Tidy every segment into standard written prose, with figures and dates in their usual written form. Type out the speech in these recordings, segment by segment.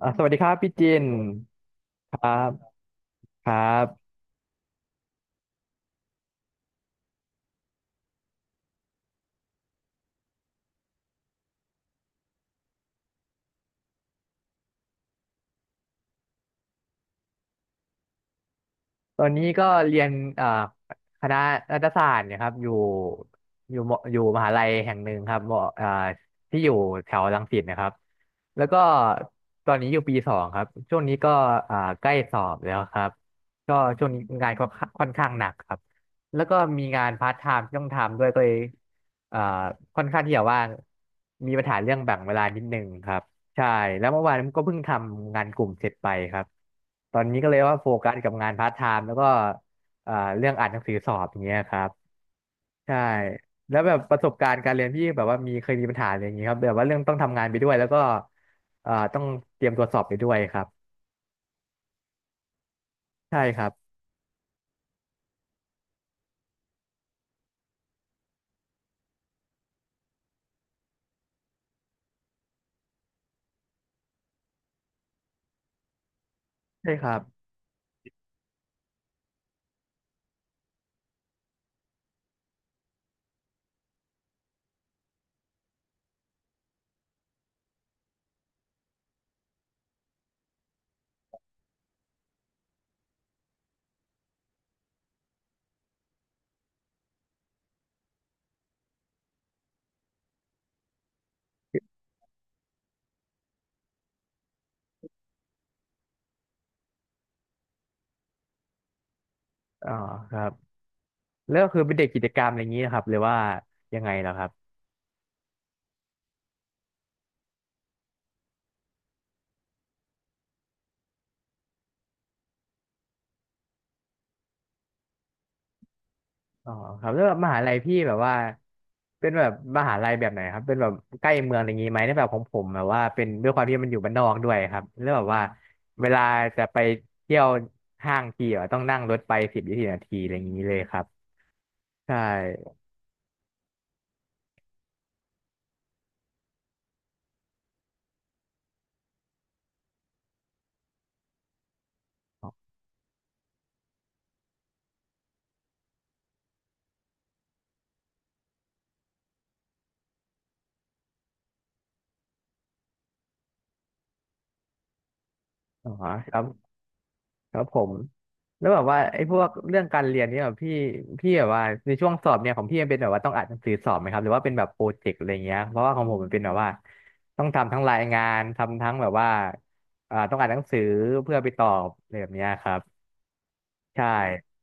สวัสดีครับพี่จินครับครับตอนนี้ก็เรียนอ่าคณะรัฐศาสตร์เนยครับอยู่มหาลัยแห่งหนึ่งครับมอ่าที่อยู่แถวรังสิตนะครับแล้วก็ตอนนี้อยู่ปี 2ครับช่วงนี้ก็ใกล้สอบแล้วครับก็ช่วงนี้งานก็ค่อนข้างหนักครับแล้วก็มีงานพาร์ทไทม์ที่ต้องทำด้วยก็เลยอ่าค่อนข้างที่จะว่างมีปัญหาเรื่องแบ่งเวลานิดนึงครับ ใช่แล้วเมื่อวานก็เพิ่งทำงานกลุ่มเสร็จไปครับตอนนี้ก็เลยว่าโฟกัสกับงานพาร์ทไทม์แล้วก็เรื่องอ่านหนังสือสอบอย่างเงี้ยครับใช่แล้วแบบประสบการณ์การเรียนพี่แบบว่ามีเคยมีปัญหาอะไรอย่างงี้ครับแบบว่าเรื่องต้องทำงานไปด้วยแล้วก็ต้องเตรียมตัวสอบไปด้วยครับใช่ครับใช่ครับอ๋อครับแล้วก็คือเป็นเด็กกิจกรรมอะไรอย่างงี้นะครับหรือว่ายังไงเหรอครับ อ๋อครับแล้วแบบมหาลัยพี่แบบว่าเป็นแบบมหาลัยแบบไหนครับเป็นแบบใกล้เมืองอะไรอย่างงี้ไหมในแบบของผมแบบว่าเป็นด้วยความที่มันอยู่บ้านนอกด้วยครับแล้วแบบว่าเวลาจะไปเที่ยวห้างทีอะต้องนั่งรถไป10-20 นาทีอะไรอย่างนี้เลยครับใช่อ๋อครับ ครับผมแล้วแบบว่าไอ้พวกเรื่องการเรียนเนี่ยแบบพี่แบบว่าในช่วงสอบเนี่ยของพี่มันเป็นแบบว่าต้องอ่านหนังสือสอบไหมครับหรือว่าเป็นแบบโปรเจกต์อะไรเงี้ยเพราะว่าของผมมันเป็นแบบว่าต้องทำทั้งรายงานทำทั้งแบบว่าต้องอ่านหนังสือเพื่อไปตอบอะไรแบบเนี้ยครับใช่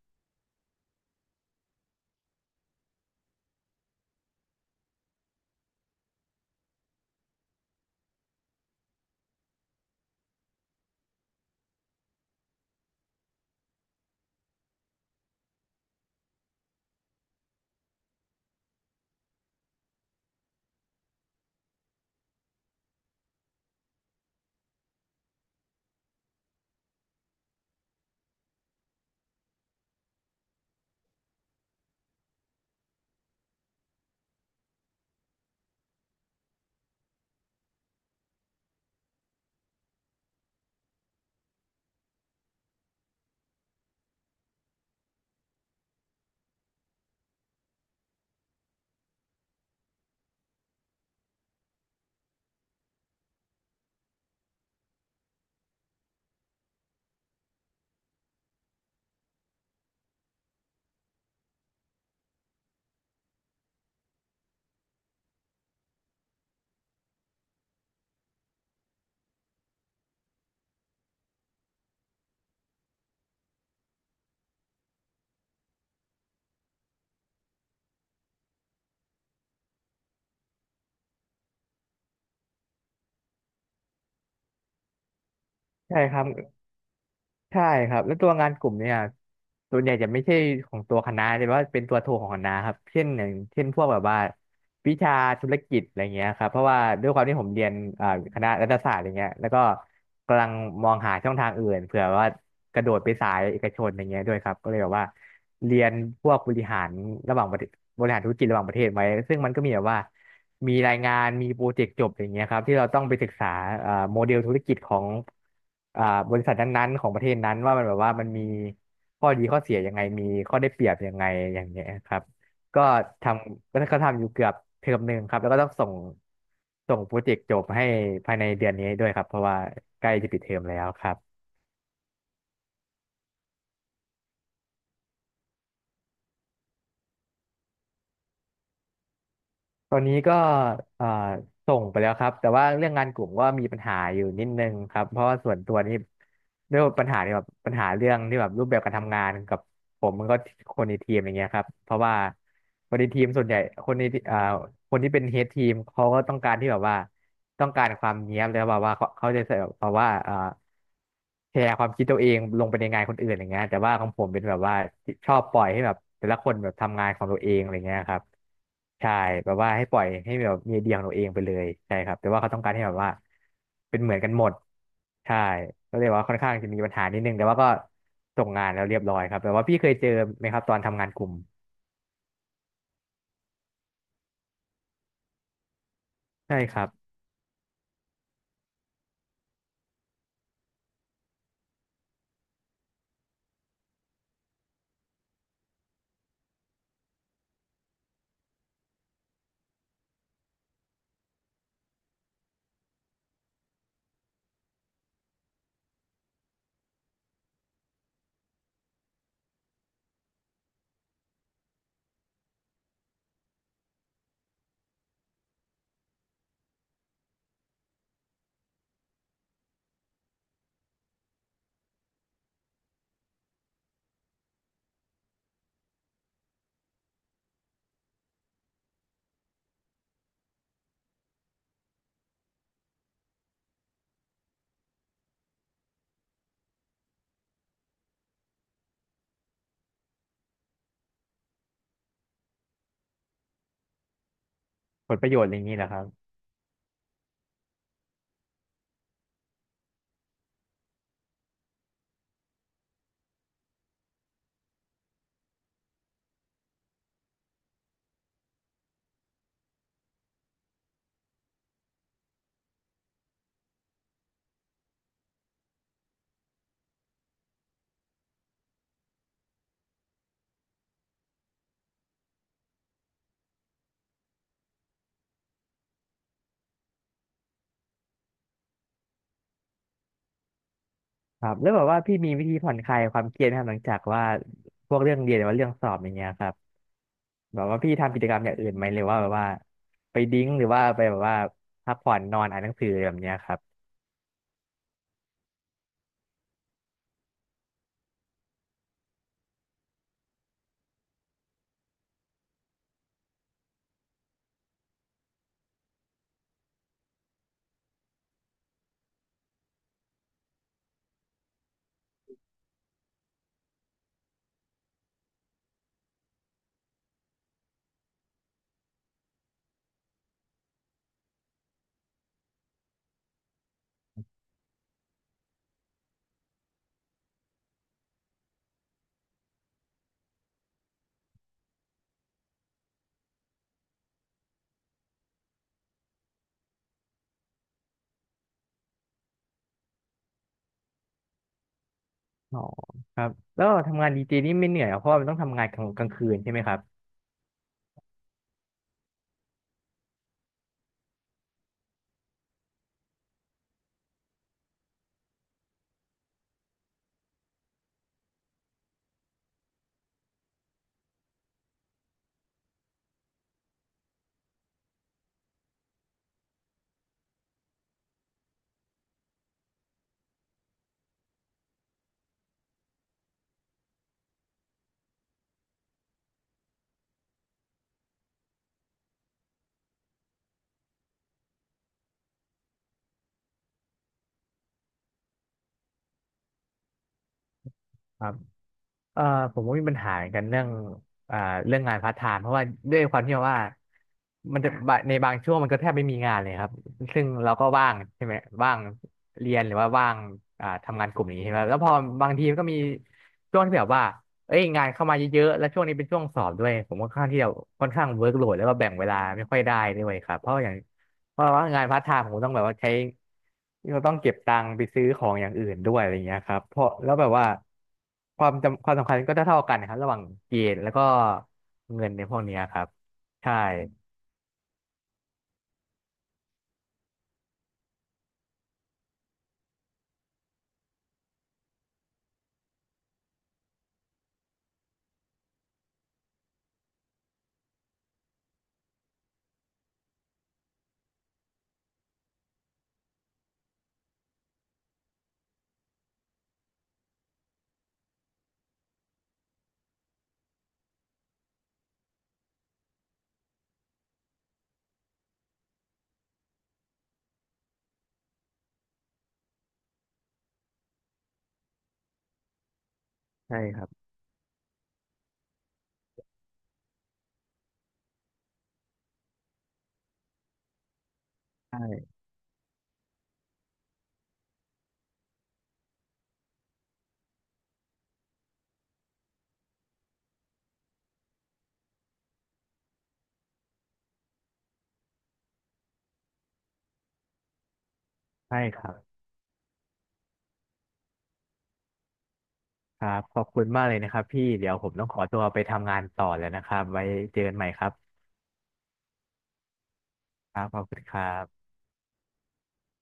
ใช่ครับ ใช่ครับแล้วตัวงานกลุ่มเนี่ยส่วนใหญ่จะไม่ใช่ของตัวคณะแต่ว่าเป็นตัวโทรของคณะครับเช่นอย่างเช่นพวกแบบว่าวิชาธุรกิจอะไรเงี้ยครับเพราะว่าด้วยความที่ผมเรียนอ่าคณะรัฐศาสตร์อะไรเงี้ยแล้วก็กำลังมองหาช่องทางอื่นเผื่อว่ากระโดดไปสายเอกชนอะไรเงี้ยด้วยครับก็เลยแบบว่าเรียนพวกบริหารระหว่างประเทศบริหารธุรกิจระหว่างประเทศไว้ซึ่งมันก็มีแบบว่า มีรายงานมีโปรเจกต์จบอย่างเงี้ยครับที่เราต้องไปศึกษาโมเดลธุรกิจของอ่าบริษัทนั้นๆของประเทศนั้นว่ามันแบบว่ามันมีข้อดีข้อเสียยังไงมีข้อได้เปรียบยังไงอย่างเงี้ยครับก็ทำก็ทำอยู่เกือบเทอมหนึ่งครับแล้วก็ต้องส่งโปรเจกต์จบให้ภายในเดือนนี้ด้วยครับเพราะว่าใกล้จะปิดเทอมแล้วครับ ตอนนี้ก็เอ่อส่งไปแล้วครับแต่ว่าเรื่องงานกลุ่มก็มีปัญหาอยู่นิดนึงครับเพราะว่าส่วนตัวนี่ด้วยปัญหาที่แบบปัญหาเรื่องที่แบบรูปแบบการทำงานกับผมมันก็คนในทีมอย่างเงี้ยครับเพราะว่าคนในทีมส่วนใหญ่คนในคนที่เป็นเฮดทีมเขาก็ต้องการที่แบบว่าต้องการความเนี๊ยบแล้วแบบว่าเขาจะใส่แบบว่าแชร์ความคิดตัวเองลงไปในงานคนอื่นอย่างเงี้ยแต่ว่าของผมเป็นแบบว่าชอบปล่อยให้แบบแต่ละคนแบบทำงานของตัวเองอะไรเงี้ยครับใช่แบบว่าให้ปล่อยให้แบบมีไอเดียของตัวเองไปเลยใช่ครับแต่ว่าเขาต้องการให้แบบว่าเป็นเหมือนกันหมดใช่ก็เลยว่าค่อนข้างจะมีปัญหานิดนึงแต่ว่าก็ส่งงานแล้วเรียบร้อยครับแต่ว่าพี่เคยเจอไหมครับตอนทำงานกลุ่มใช่ครับผลประโยชน์อะไรอย่างนี้เหรอครับ ครับแล้วแบบว่าพี่มีวิธีผ่อนคลายความเครียดนะครับหลังจากว่าพวกเรื่องเรียนหรือว่าเรื่องสอบอย่างเงี้ยครับแบบว่าพี่ทำกิจกรรมอย่างอื่นไหมหรือว่าแบบว่าไปดิ้งหรือว่าไปแบบว่าพักผ่อนนอนอ่านหนังสืออะไรแบบเนี้ยครับอ๋อครับแล้วทำงานดีเจนี่ไม่เหนื่อยเหรอเพราะว่ามันต้องทำงานกลางคืนใช่ไหมครับ เออผมก็มีปัญหาเหมือนกันเรื่องอ่าเรื่องงานพาร์ทไทม์เพราะว่าด้วยความที่ว่ามันจะบะในบางช่วงมันก็แทบไม่มีงานเลยครับซึ่งเราก็ว่างใช่ไหมว่างเรียนหรือว่าว่างทำงานกลุ่มนี้ใช่ไหมแล้วพอบางทีมันก็มีช่วงที่แบบว่าเอ้ยงานเข้ามาเยอะๆแล้วช่วงนี้เป็นช่วงสอบด้วยผมค่อนข้างที่จะค่อนข้างเวิร์กโหลดแล้วก็แบ่งเวลาไม่ค่อยได้ด้วยครับเพราะอย่าง เพราะว่างานพาร์ทไทม์ผมต้องแบบว่าใช้เราต้องเก็บตังค์ไปซื้อของอย่างอื่นด้วยอะไรเงี้ยครับเพราะแล้วแบบว่าความจำความสำคัญก็เท่าๆกันนะครับระหว่างเกรดแล้วก็เงินในพวกเนี้ยครับใช่ใช่ครับใช่ใช่ครับครับขอบคุณมากเลยนะครับพี่เดี๋ยวผมต้องขอตัวไปทำงานต่อแล้วนะครับไว้เจอกันใหม่ครับครับขอบคุณครับ